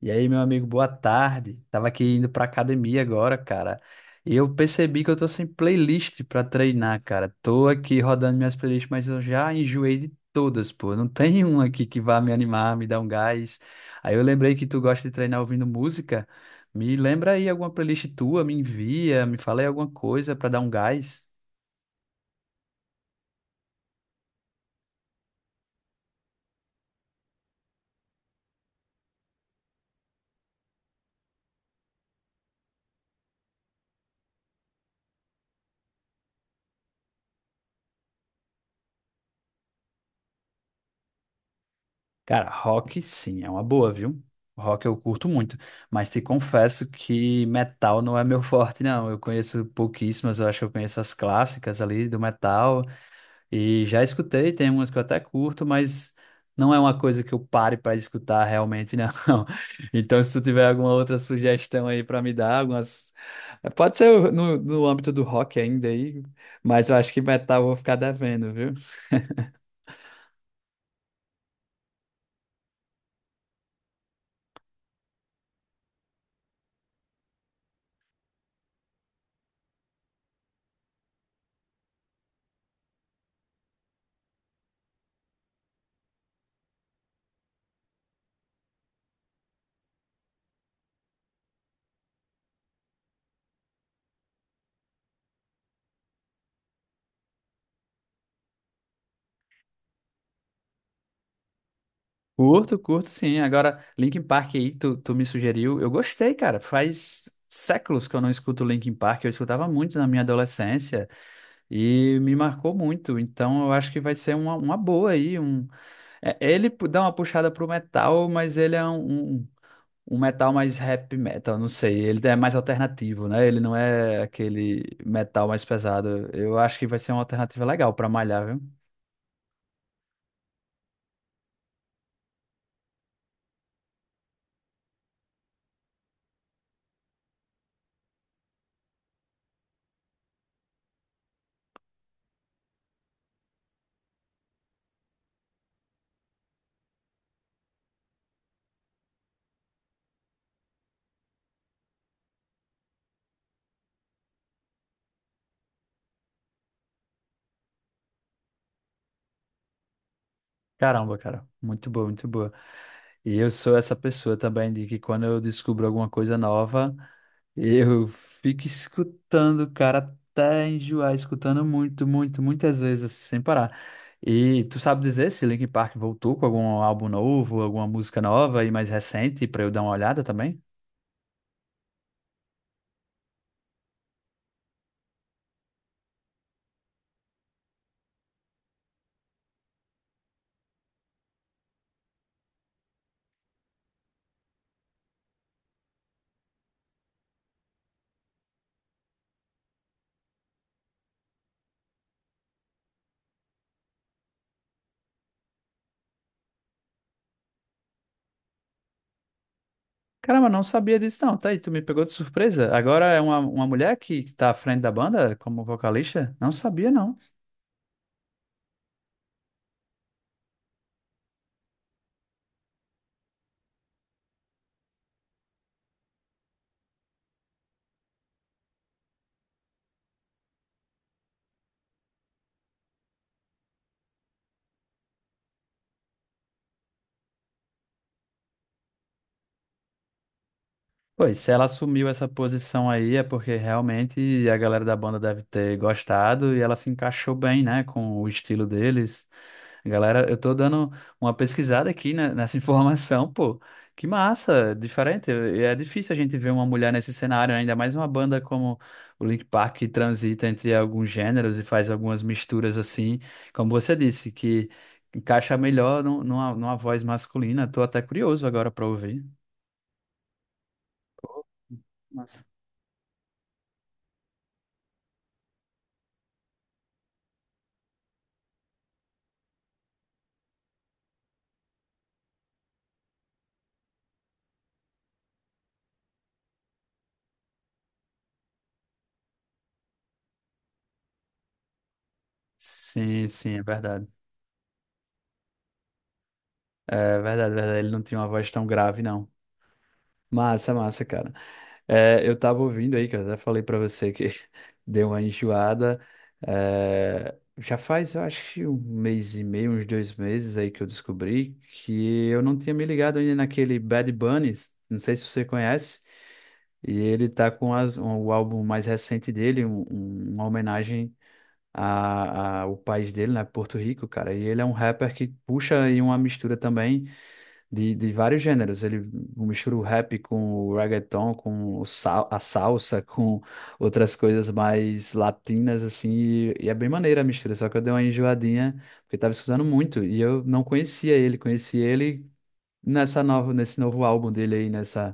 E aí, meu amigo, boa tarde. Tava aqui indo pra academia agora, cara. E eu percebi que eu tô sem playlist pra treinar, cara. Tô aqui rodando minhas playlists, mas eu já enjoei de todas, pô. Não tem uma aqui que vá me animar, me dar um gás. Aí eu lembrei que tu gosta de treinar ouvindo música. Me lembra aí alguma playlist tua, me envia, me fala aí alguma coisa pra dar um gás. Cara, rock sim, é uma boa, viu? Rock eu curto muito, mas te confesso que metal não é meu forte, não. Eu conheço pouquíssimas, eu acho que eu conheço as clássicas ali do metal e já escutei, tem umas que eu até curto, mas não é uma coisa que eu pare para escutar realmente, não. Então, se tu tiver alguma outra sugestão aí para me dar, algumas. Pode ser no âmbito do rock ainda aí, mas eu acho que metal eu vou ficar devendo, viu? Curto, curto, sim. Agora, Linkin Park aí, tu me sugeriu. Eu gostei, cara. Faz séculos que eu não escuto Linkin Park. Eu escutava muito na minha adolescência e me marcou muito. Então, eu acho que vai ser uma boa aí. É, ele dá uma puxada pro metal, mas ele é um metal mais rap metal, não sei. Ele é mais alternativo, né? Ele não é aquele metal mais pesado. Eu acho que vai ser uma alternativa legal pra malhar, viu? Caramba, cara, muito boa, muito boa. E eu sou essa pessoa também de que quando eu descubro alguma coisa nova, eu fico escutando, cara, até enjoar, escutando muito, muito, muitas vezes, assim, sem parar. E tu sabe dizer se Linkin Park voltou com algum álbum novo, alguma música nova e mais recente pra eu dar uma olhada também? Caramba, não sabia disso não, tá aí, tu me pegou de surpresa. Agora é uma mulher que tá à frente da banda como vocalista? Não sabia, não. Pois, se ela assumiu essa posição aí, é porque realmente a galera da banda deve ter gostado e ela se encaixou bem, né, com o estilo deles. Galera, eu tô dando uma pesquisada aqui, né, nessa informação, pô. Que massa, diferente. É difícil a gente ver uma mulher nesse cenário, né? Ainda mais uma banda como o Linkin Park que transita entre alguns gêneros e faz algumas misturas assim, como você disse, que encaixa melhor numa voz masculina. Tô até curioso agora pra ouvir. Massa. Sim, sim, é verdade. É verdade, é verdade. Ele não tinha uma voz tão grave, não. Massa, massa, cara. É, eu tava ouvindo aí, que eu até falei pra você que deu uma enjoada. É, já faz, eu acho que um mês e meio, uns dois meses aí que eu descobri que eu não tinha me ligado ainda naquele Bad Bunny. Não sei se você conhece. E ele tá com o álbum mais recente dele, uma homenagem o país dele, né? Porto Rico, cara. E ele é um rapper que puxa aí uma mistura também de vários gêneros. Ele mistura o rap com o reggaeton, com o sal, a salsa, com outras coisas mais latinas, assim. E é bem maneira a mistura, só que eu dei uma enjoadinha, porque eu tava escutando muito. E eu não conhecia ele, conheci ele nesse novo álbum dele aí, nessa.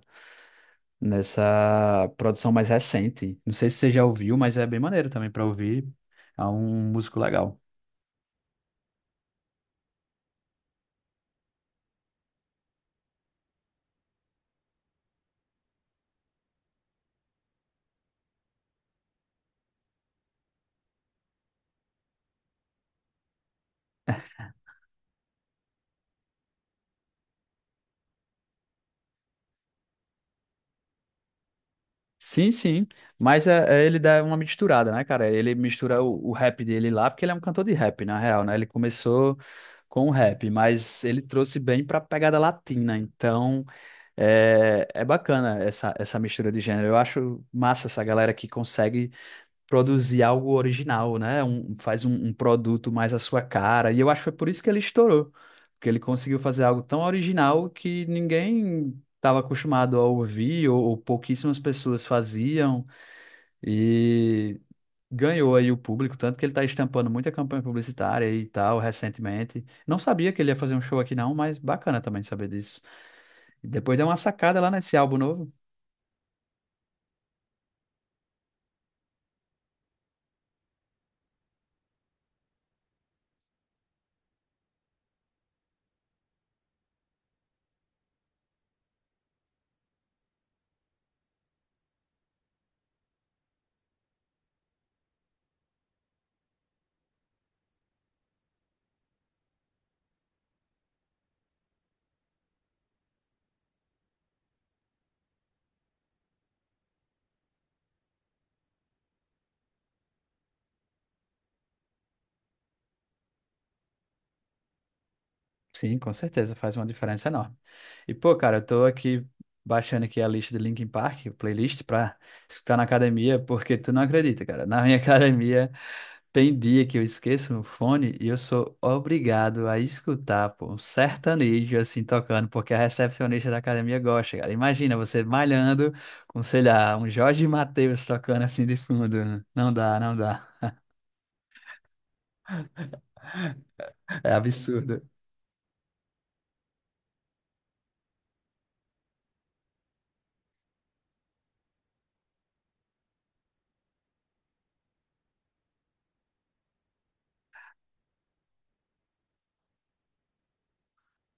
Nessa produção mais recente. Não sei se você já ouviu, mas é bem maneiro também para ouvir. É um músico legal. Sim, sim. Mas é, é- ele dá uma misturada, né, cara? Ele mistura o rap dele lá, porque ele é um cantor de rap, na real, né? Ele começou com o rap, mas ele trouxe bem pra pegada latina. Então, é, é bacana essa mistura de gênero. Eu acho massa essa galera que consegue produzir algo original, né? Faz um produto mais à sua cara. E eu acho que foi por isso que ele estourou, porque ele conseguiu fazer algo tão original que ninguém estava acostumado a ouvir, ou pouquíssimas pessoas faziam, e ganhou aí o público, tanto que ele está estampando muita campanha publicitária e tal recentemente. Não sabia que ele ia fazer um show aqui não, mas bacana também saber disso. E depois deu uma sacada lá nesse álbum novo. Sim, com certeza, faz uma diferença enorme. E, pô, cara, eu tô aqui baixando aqui a lista de Linkin Park, playlist, pra escutar na academia, porque tu não acredita, cara. Na minha academia tem dia que eu esqueço no fone e eu sou obrigado a escutar, pô, um sertanejo assim tocando, porque a recepcionista da academia gosta, cara. Imagina você malhando com, sei lá, um Jorge Mateus tocando assim de fundo. Não dá, não dá. É absurdo.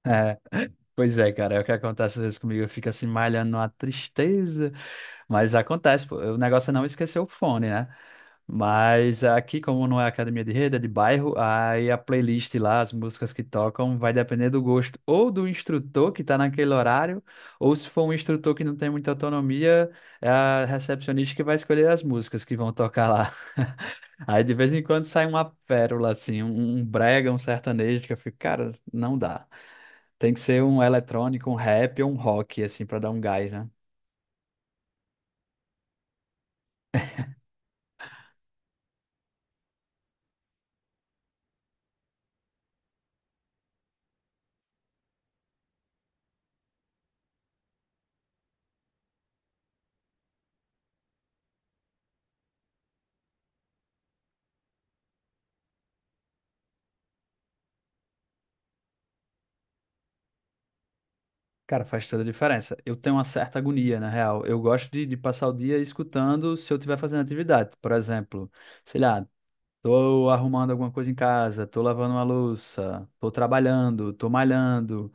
É. Pois é, cara, é o que acontece às vezes comigo, eu fico assim malhando numa tristeza, mas acontece, pô, o negócio é não esquecer o fone, né? Mas aqui, como não é academia de rede, é de bairro, aí a playlist lá, as músicas que tocam, vai depender do gosto ou do instrutor que tá naquele horário, ou se for um instrutor que não tem muita autonomia, é a recepcionista que vai escolher as músicas que vão tocar lá. Aí de vez em quando sai uma pérola, assim, um brega, um sertanejo, que eu fico, cara, não dá. Tem que ser um eletrônico, um rap ou um rock, assim, pra dar um gás, né? Cara, faz toda a diferença. Eu tenho uma certa agonia, na real. Eu gosto de passar o dia escutando se eu estiver fazendo atividade. Por exemplo, sei lá, tô arrumando alguma coisa em casa, tô lavando uma louça, tô trabalhando, tô malhando.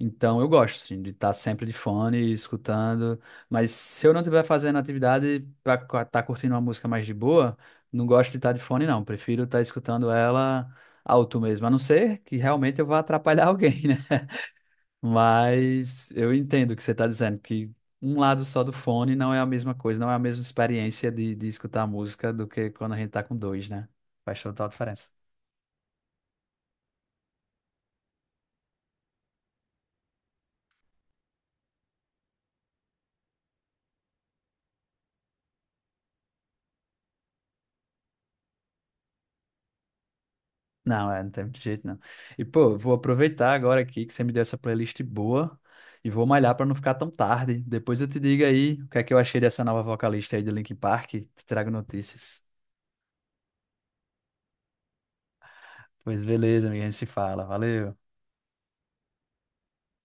Então eu gosto, assim, de estar sempre de fone, escutando. Mas se eu não estiver fazendo atividade para estar curtindo uma música mais de boa, não gosto de estar de fone, não. Prefiro estar escutando ela alto mesmo, a não ser que realmente eu vá atrapalhar alguém, né? Mas eu entendo o que você está dizendo, que um lado só do fone não é a mesma coisa, não é a mesma experiência de escutar música do que quando a gente tá com dois, né? Faz total diferença. Não, é, não tem muito jeito, não. E, pô, vou aproveitar agora aqui que você me deu essa playlist boa e vou malhar pra não ficar tão tarde. Depois eu te digo aí o que é que eu achei dessa nova vocalista aí do Linkin Park. Te trago notícias. Pois beleza, amiga, a gente se fala. Valeu.